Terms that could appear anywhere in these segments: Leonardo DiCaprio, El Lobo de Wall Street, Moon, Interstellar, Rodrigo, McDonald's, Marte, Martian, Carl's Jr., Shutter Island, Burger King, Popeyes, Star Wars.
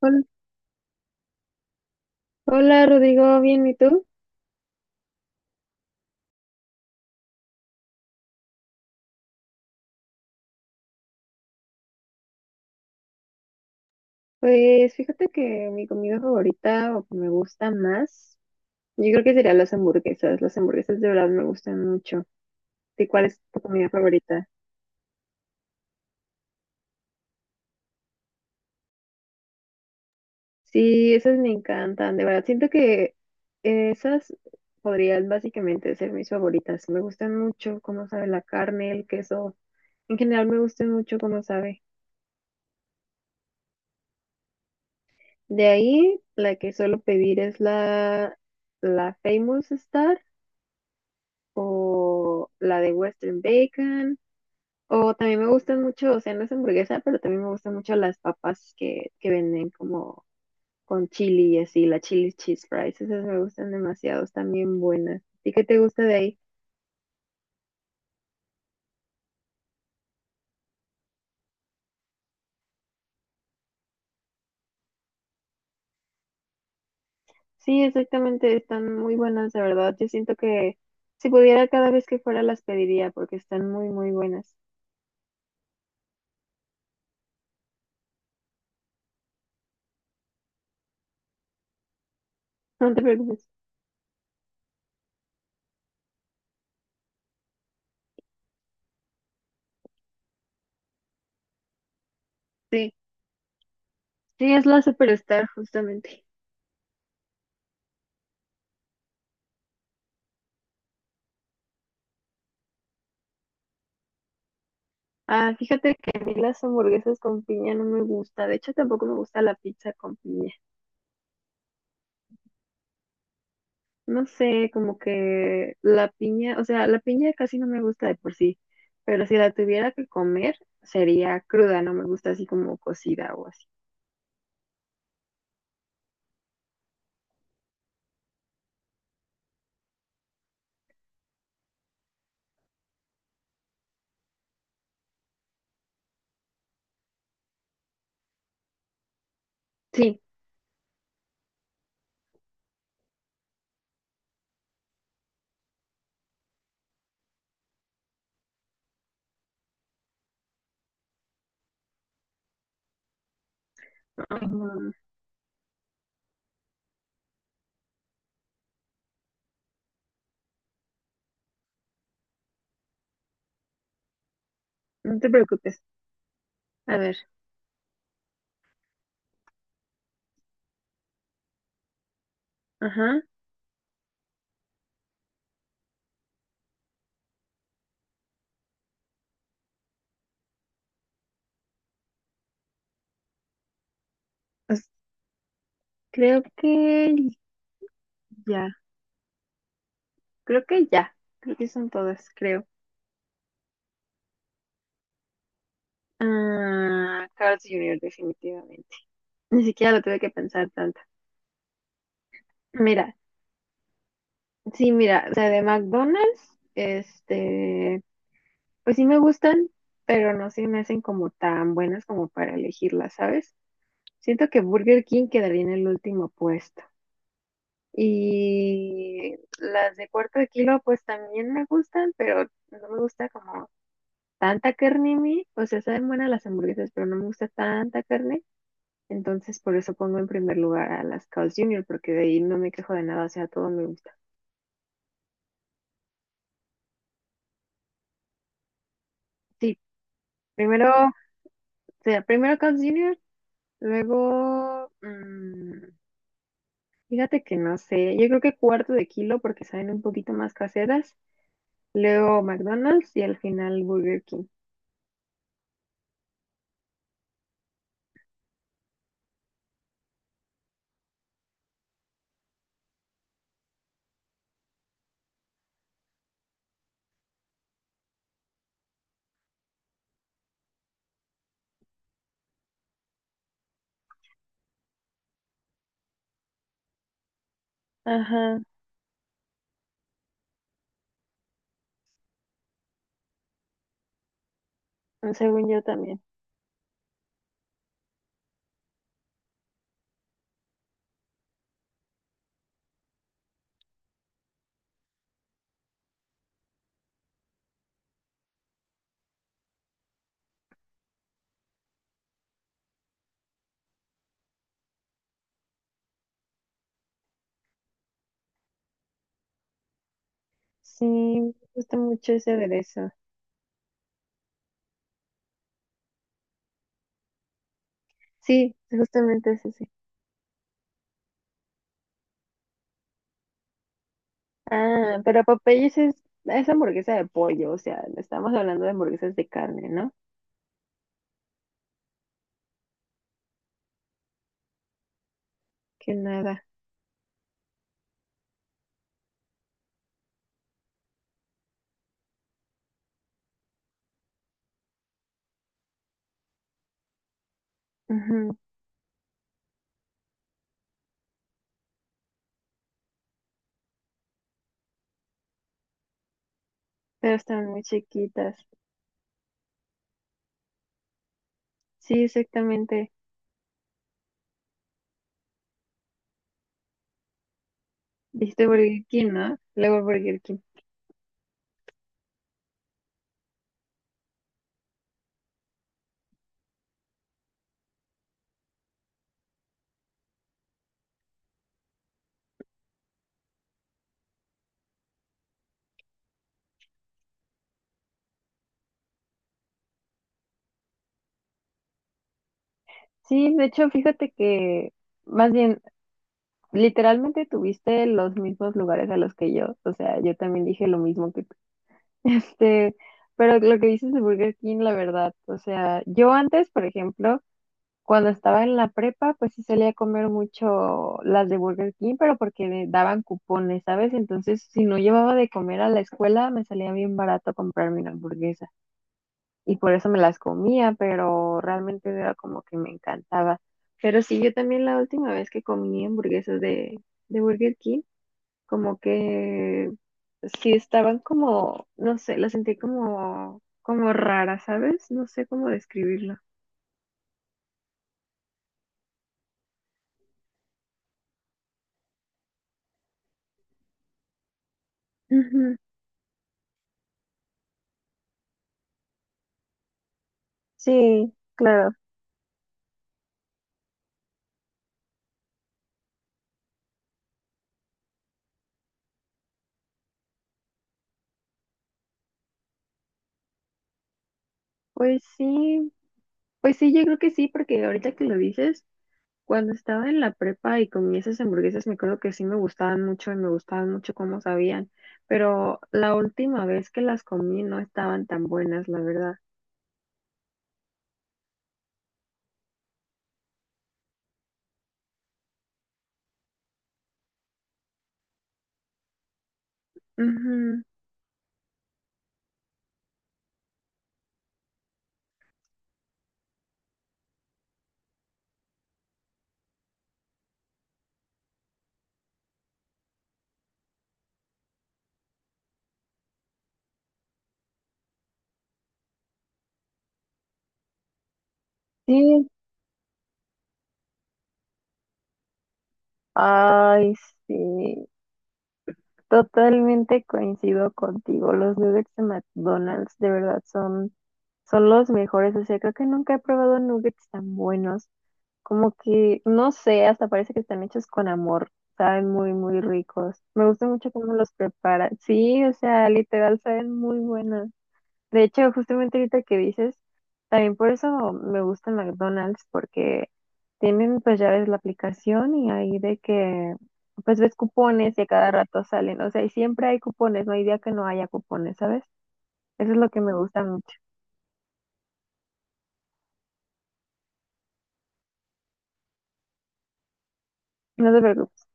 Hola, hola, Rodrigo, bien, ¿y tú? Pues fíjate que mi comida favorita o que me gusta más, yo creo que serían las hamburguesas. Las hamburguesas de verdad me gustan mucho. ¿Y cuál es tu comida favorita? Sí, esas me encantan, de verdad. Siento que esas podrían básicamente ser mis favoritas. Me gustan mucho cómo sabe la carne, el queso. En general me gustan mucho cómo sabe. De ahí, la que suelo pedir es la Famous Star, o la de Western Bacon, o también me gustan mucho, o sea, no es hamburguesa, pero también me gustan mucho las papas que venden como con chili y así, la chili cheese fries, esas me gustan demasiado, están bien buenas. ¿Y qué te gusta de ahí? Sí, exactamente, están muy buenas, de verdad, yo siento que si pudiera cada vez que fuera las pediría porque están muy, muy buenas. No te preocupes. Sí, sí, es la Superstar justamente. Ah, fíjate que a mí las hamburguesas con piña no me gusta. De hecho, tampoco me gusta la pizza con piña. No sé, como que la piña, o sea, la piña casi no me gusta de por sí. Pero si la tuviera que comer, sería cruda, no me gusta así como cocida o así. Sí, no, no, no te preocupes. A ver, ajá. Pues, creo que ya, creo que ya, creo que son todas, creo. Ah, Carl's Jr., definitivamente. Ni siquiera lo tuve que pensar tanto. Mira. Sí, mira, o sea, de McDonald's, este, pues sí me gustan, pero no se me hacen como tan buenas como para elegirlas, ¿sabes? Siento que Burger King quedaría en el último puesto. Y las de cuarto de kilo, pues también me gustan, pero no me gusta como tanta carne a mí. O sea, saben buenas las hamburguesas, pero no me gusta tanta carne. Entonces, por eso pongo en primer lugar a las Carl's Jr., porque de ahí no me quejo de nada, o sea, todo me gusta. Sí, primero, o sea, primero Carl's Jr. Luego, fíjate que no sé, yo creo que cuarto de kilo porque salen un poquito más caseras. Luego McDonald's y al final Burger King. Ajá, según yo también. Sí, me gusta mucho ese aderezo. Sí, justamente es ese. Ah, pero Popeyes es hamburguesa de pollo, o sea, estamos hablando de hamburguesas de carne, ¿no? Que nada. Ujú. Pero están muy chiquitas. Sí, exactamente. Dijiste Burger King, ¿no? Luego Burger King. Sí, de hecho, fíjate que más bien, literalmente tuviste los mismos lugares a los que yo. O sea, yo también dije lo mismo que tú. Este, pero lo que dices de Burger King, la verdad, o sea, yo antes, por ejemplo, cuando estaba en la prepa, pues sí salía a comer mucho las de Burger King, pero porque me daban cupones, ¿sabes? Entonces, si no llevaba de comer a la escuela, me salía bien barato comprarme una hamburguesa y por eso me las comía, pero realmente era como que me encantaba. Pero sí, yo también la última vez que comí hamburguesas de Burger King, como que sí estaban como, no sé, las sentí como, como raras, ¿sabes? No sé cómo describirlo. Ujú. Sí, claro. Pues sí, pues sí, yo creo que sí, porque ahorita que lo dices, cuando estaba en la prepa y comí esas hamburguesas, me acuerdo que sí me gustaban mucho y me gustaban mucho cómo sabían, pero la última vez que las comí no estaban tan buenas, la verdad. Ujú. Sí, ay, sí, totalmente coincido contigo. Los nuggets de McDonald's de verdad son los mejores. O sea, creo que nunca he probado nuggets tan buenos. Como que, no sé, hasta parece que están hechos con amor. Saben muy, muy ricos. Me gusta mucho cómo los preparan. Sí, o sea, literal, saben muy buenas. De hecho, justamente ahorita que dices, también por eso me gusta McDonald's, porque tienen, pues ya ves la aplicación y ahí de que, pues ves cupones y a cada rato salen. O sea, y siempre hay cupones, no hay día que no haya cupones, ¿sabes? Eso es lo que me gusta mucho. No te preocupes.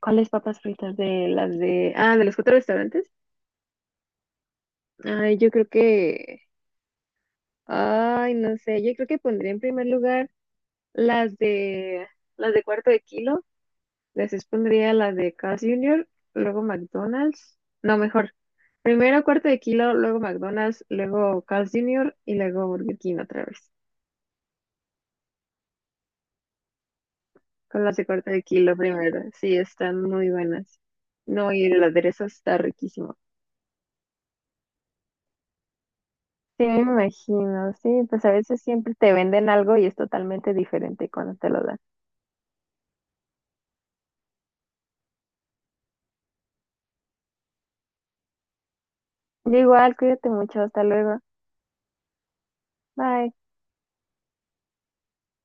¿Cuáles papas fritas de las de, ah, de los cuatro restaurantes? Ay, yo creo que, ay, no sé, yo creo que pondría en primer lugar las de, las de cuarto de kilo, después pondría las de Carl's Jr., luego McDonald's, no, mejor, primero cuarto de kilo, luego McDonald's, luego Carl's Jr. y luego Burger King otra vez, con las de cuarto de kilo primero, sí, están muy buenas, no, y el aderezo está riquísimo. Sí, me imagino, sí, pues a veces siempre te venden algo y es totalmente diferente cuando te lo dan. Yo igual, cuídate mucho, hasta luego. Bye.